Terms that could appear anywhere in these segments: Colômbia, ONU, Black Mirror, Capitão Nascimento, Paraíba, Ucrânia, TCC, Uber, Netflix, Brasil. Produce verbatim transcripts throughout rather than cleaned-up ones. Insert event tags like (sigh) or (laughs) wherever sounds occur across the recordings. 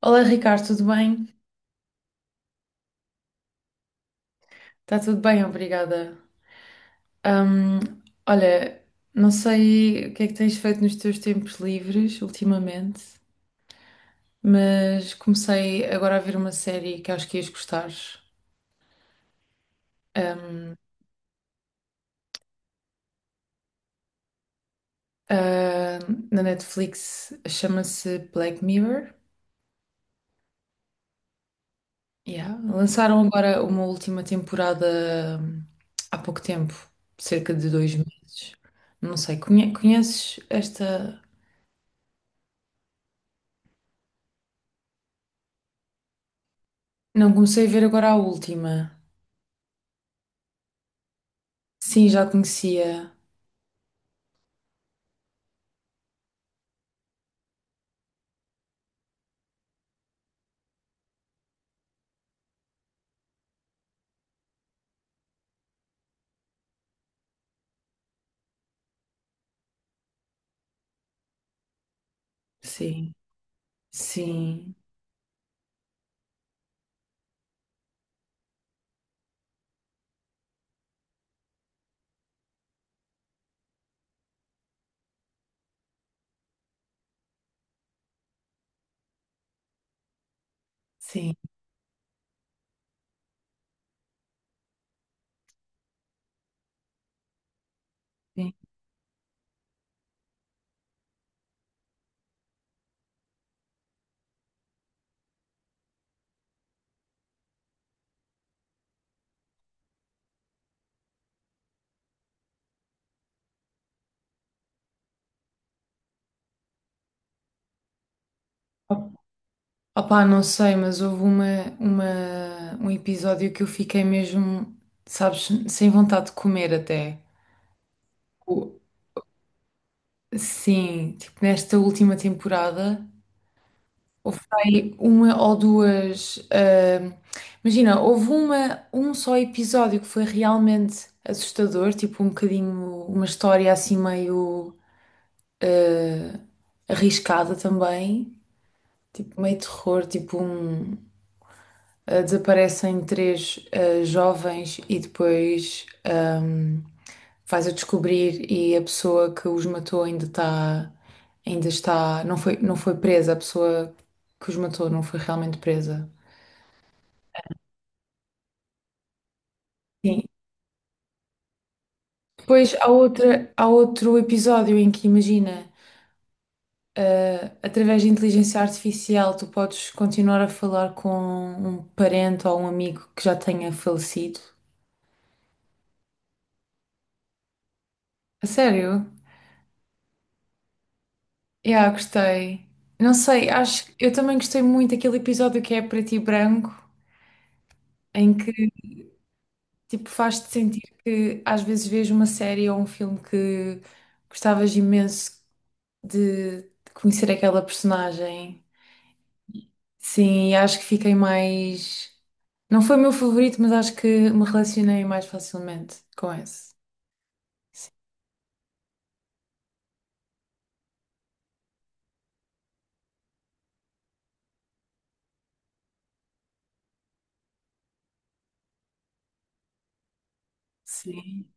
Olá, Ricardo, tudo bem? Está tudo bem, obrigada. Hum, Olha, não sei o que é que tens feito nos teus tempos livres ultimamente, mas comecei agora a ver uma série que acho que ias gostar. Hum, ah, Na Netflix chama-se Black Mirror. Yeah. Lançaram agora uma última temporada hum, há pouco tempo, cerca de dois meses. Não sei, conhe- conheces esta? Não, comecei a ver agora a última. Sim, já conhecia. Sim, sim, sim, sim. Op- Opá, não sei, mas houve uma, uma, um episódio que eu fiquei mesmo, sabes, sem vontade de comer até. O- Sim, tipo, nesta última temporada, houve aí uma ou duas. Ah, imagina, houve uma, um só episódio que foi realmente assustador, tipo, um bocadinho, uma história assim meio ah, arriscada também. Tipo, meio terror, tipo um ah, desaparecem três ah, jovens e depois ahm, faz-a descobrir e a pessoa que os matou ainda está. Ainda está. Não foi, não foi presa, a pessoa que os matou não foi realmente presa. Sim. Depois há outra, há outro episódio em que imagina, ah, através de inteligência artificial, tu podes continuar a falar com um parente ou um amigo que já tenha falecido. A sério? Yeah, gostei. Não sei, acho que eu também gostei muito daquele episódio que é preto e branco, em que tipo faz-te sentir que às vezes vês uma série ou um filme que gostavas imenso de, de conhecer aquela personagem. Sim, e acho que fiquei mais. Não foi o meu favorito, mas acho que me relacionei mais facilmente com esse. Sim.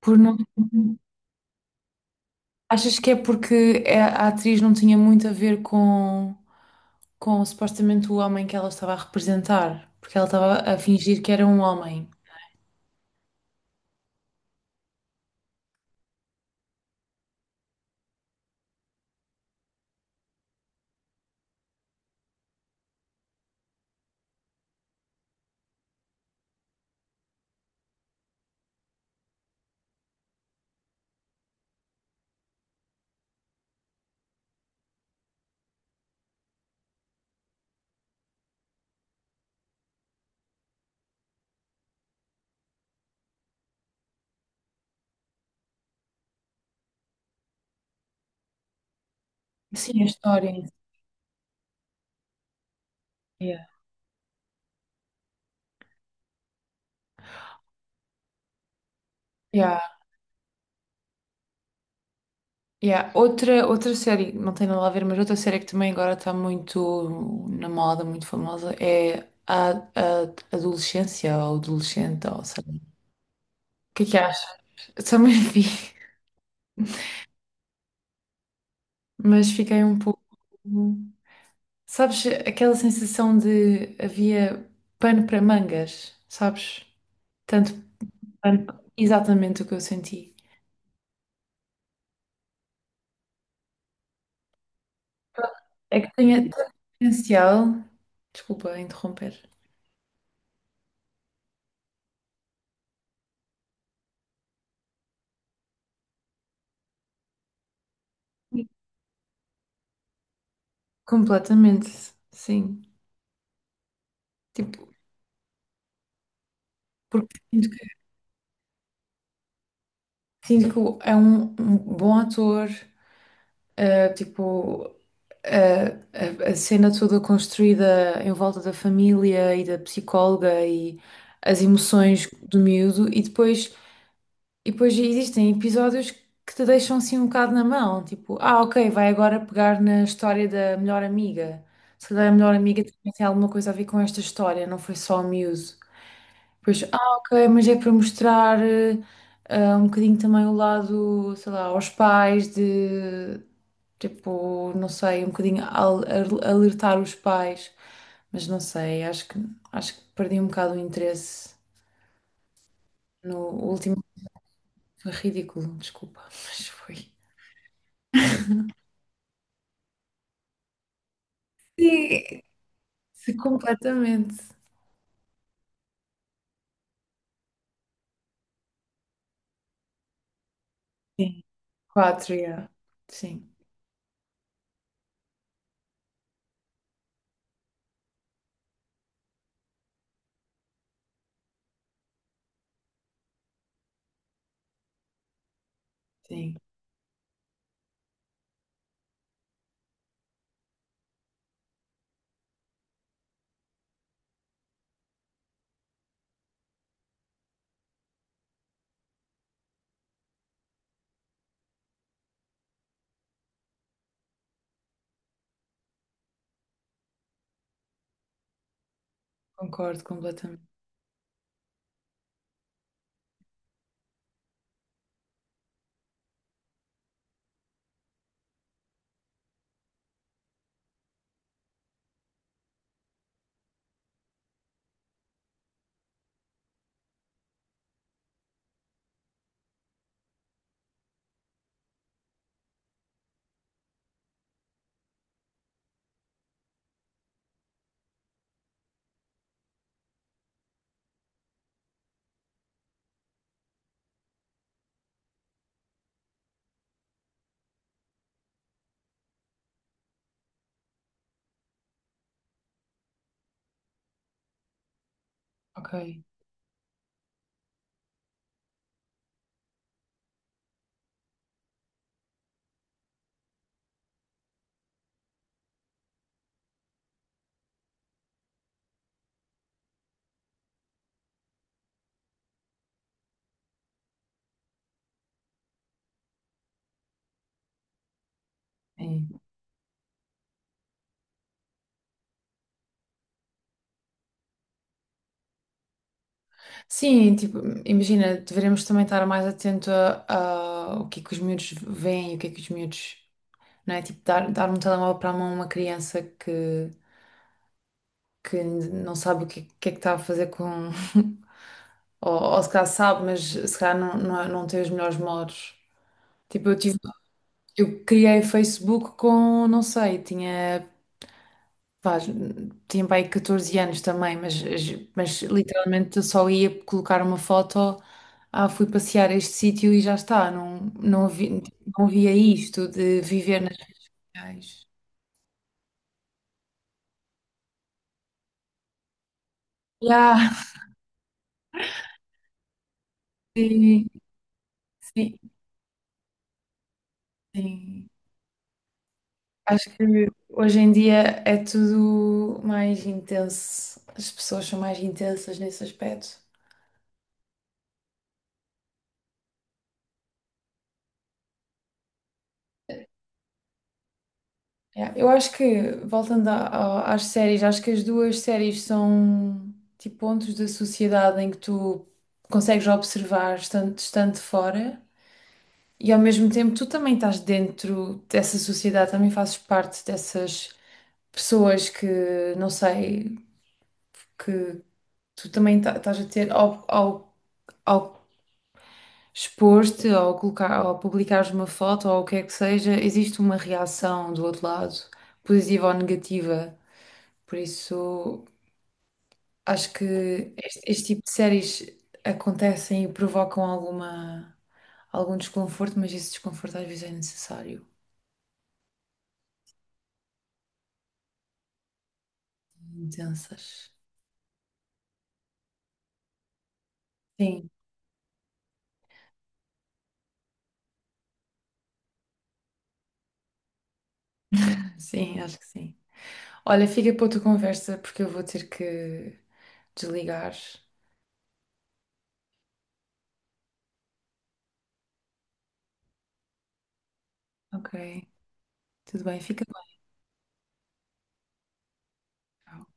Por não. Achas que é porque a a atriz não tinha muito a ver com, com supostamente o homem que ela estava a representar? Porque ela estava a fingir que era um homem. Sim, a história em si. Yeah. Yeah. Yeah. Outra, outra série, não tem nada a ver, mas outra série que também agora está muito na moda, muito famosa, é a, a Adolescência ou Adolescente, ou sei lá. O que é que achas? Também vi, (laughs) mas fiquei um pouco. Sabes, aquela sensação de havia pano para mangas, sabes? Tanto pano, exatamente o que eu senti. É que tinha tanto potencial. Desculpa interromper. Completamente, sim. Tipo, porque sinto, sinto que é um, um bom ator, eh, tipo, eh, a, a cena toda construída em volta da família e da psicóloga e as emoções do miúdo, e depois, e depois existem episódios que te deixam assim um bocado na mão, tipo, ah, ok, vai agora pegar na história da melhor amiga. Se calhar a melhor amiga também tem alguma coisa a ver com esta história, não foi só o miúdo. Pois, ah, ok, mas é para mostrar eh, ah, um bocadinho também o lado, sei lá, aos pais de, tipo, não sei, um bocadinho al- al- alertar os pais, mas não sei, acho que, acho que perdi um bocado o interesse no último, foi ridículo, desculpa, (laughs) mas foi. Sim. Sim, completamente. Sim. Quatro, yeah. Sim, sim, concordo completamente. Ok. É, sim, tipo, imagina, deveremos também estar mais atento a, a o que é que os miúdos veem e o que é que os miúdos, não é? Tipo, dar, dar um telemóvel para a mão a uma criança que, que não sabe o que, que é que está a fazer com. (laughs) Ou, ou se calhar sabe, mas se calhar não, não, é, não tem os melhores modos. Tipo, eu tive, eu criei Facebook com, não sei, tinha, pá, tinha para aí catorze anos também, mas, mas literalmente eu só ia colocar uma foto, ah, fui passear a este sítio e já está, não, não, vi, não via isto de viver nas reais. Yeah, sim, sim, sim. Acho que hoje em dia é tudo mais intenso, as pessoas são mais intensas nesse aspecto. Yeah, eu acho que, voltando a- a- às séries, acho que as duas séries são tipo pontos da sociedade em que tu consegues observar estando, estando de fora e ao mesmo tempo tu também estás dentro dessa sociedade, também fazes parte dessas pessoas que, não sei, que tu também ta- estás a ter ao, ao, ao expor-te, ao colocar, ao publicares uma foto ou o que é que seja, existe uma reação do outro lado, positiva ou negativa. Por isso, acho que este, este tipo de séries acontecem e provocam alguma, algum desconforto, mas esse desconforto às vezes é necessário. Intensas. Sim, sim, acho que sim. Olha, fica para outra conversa porque eu vou ter que desligar. Ok, tudo bem, fica bem.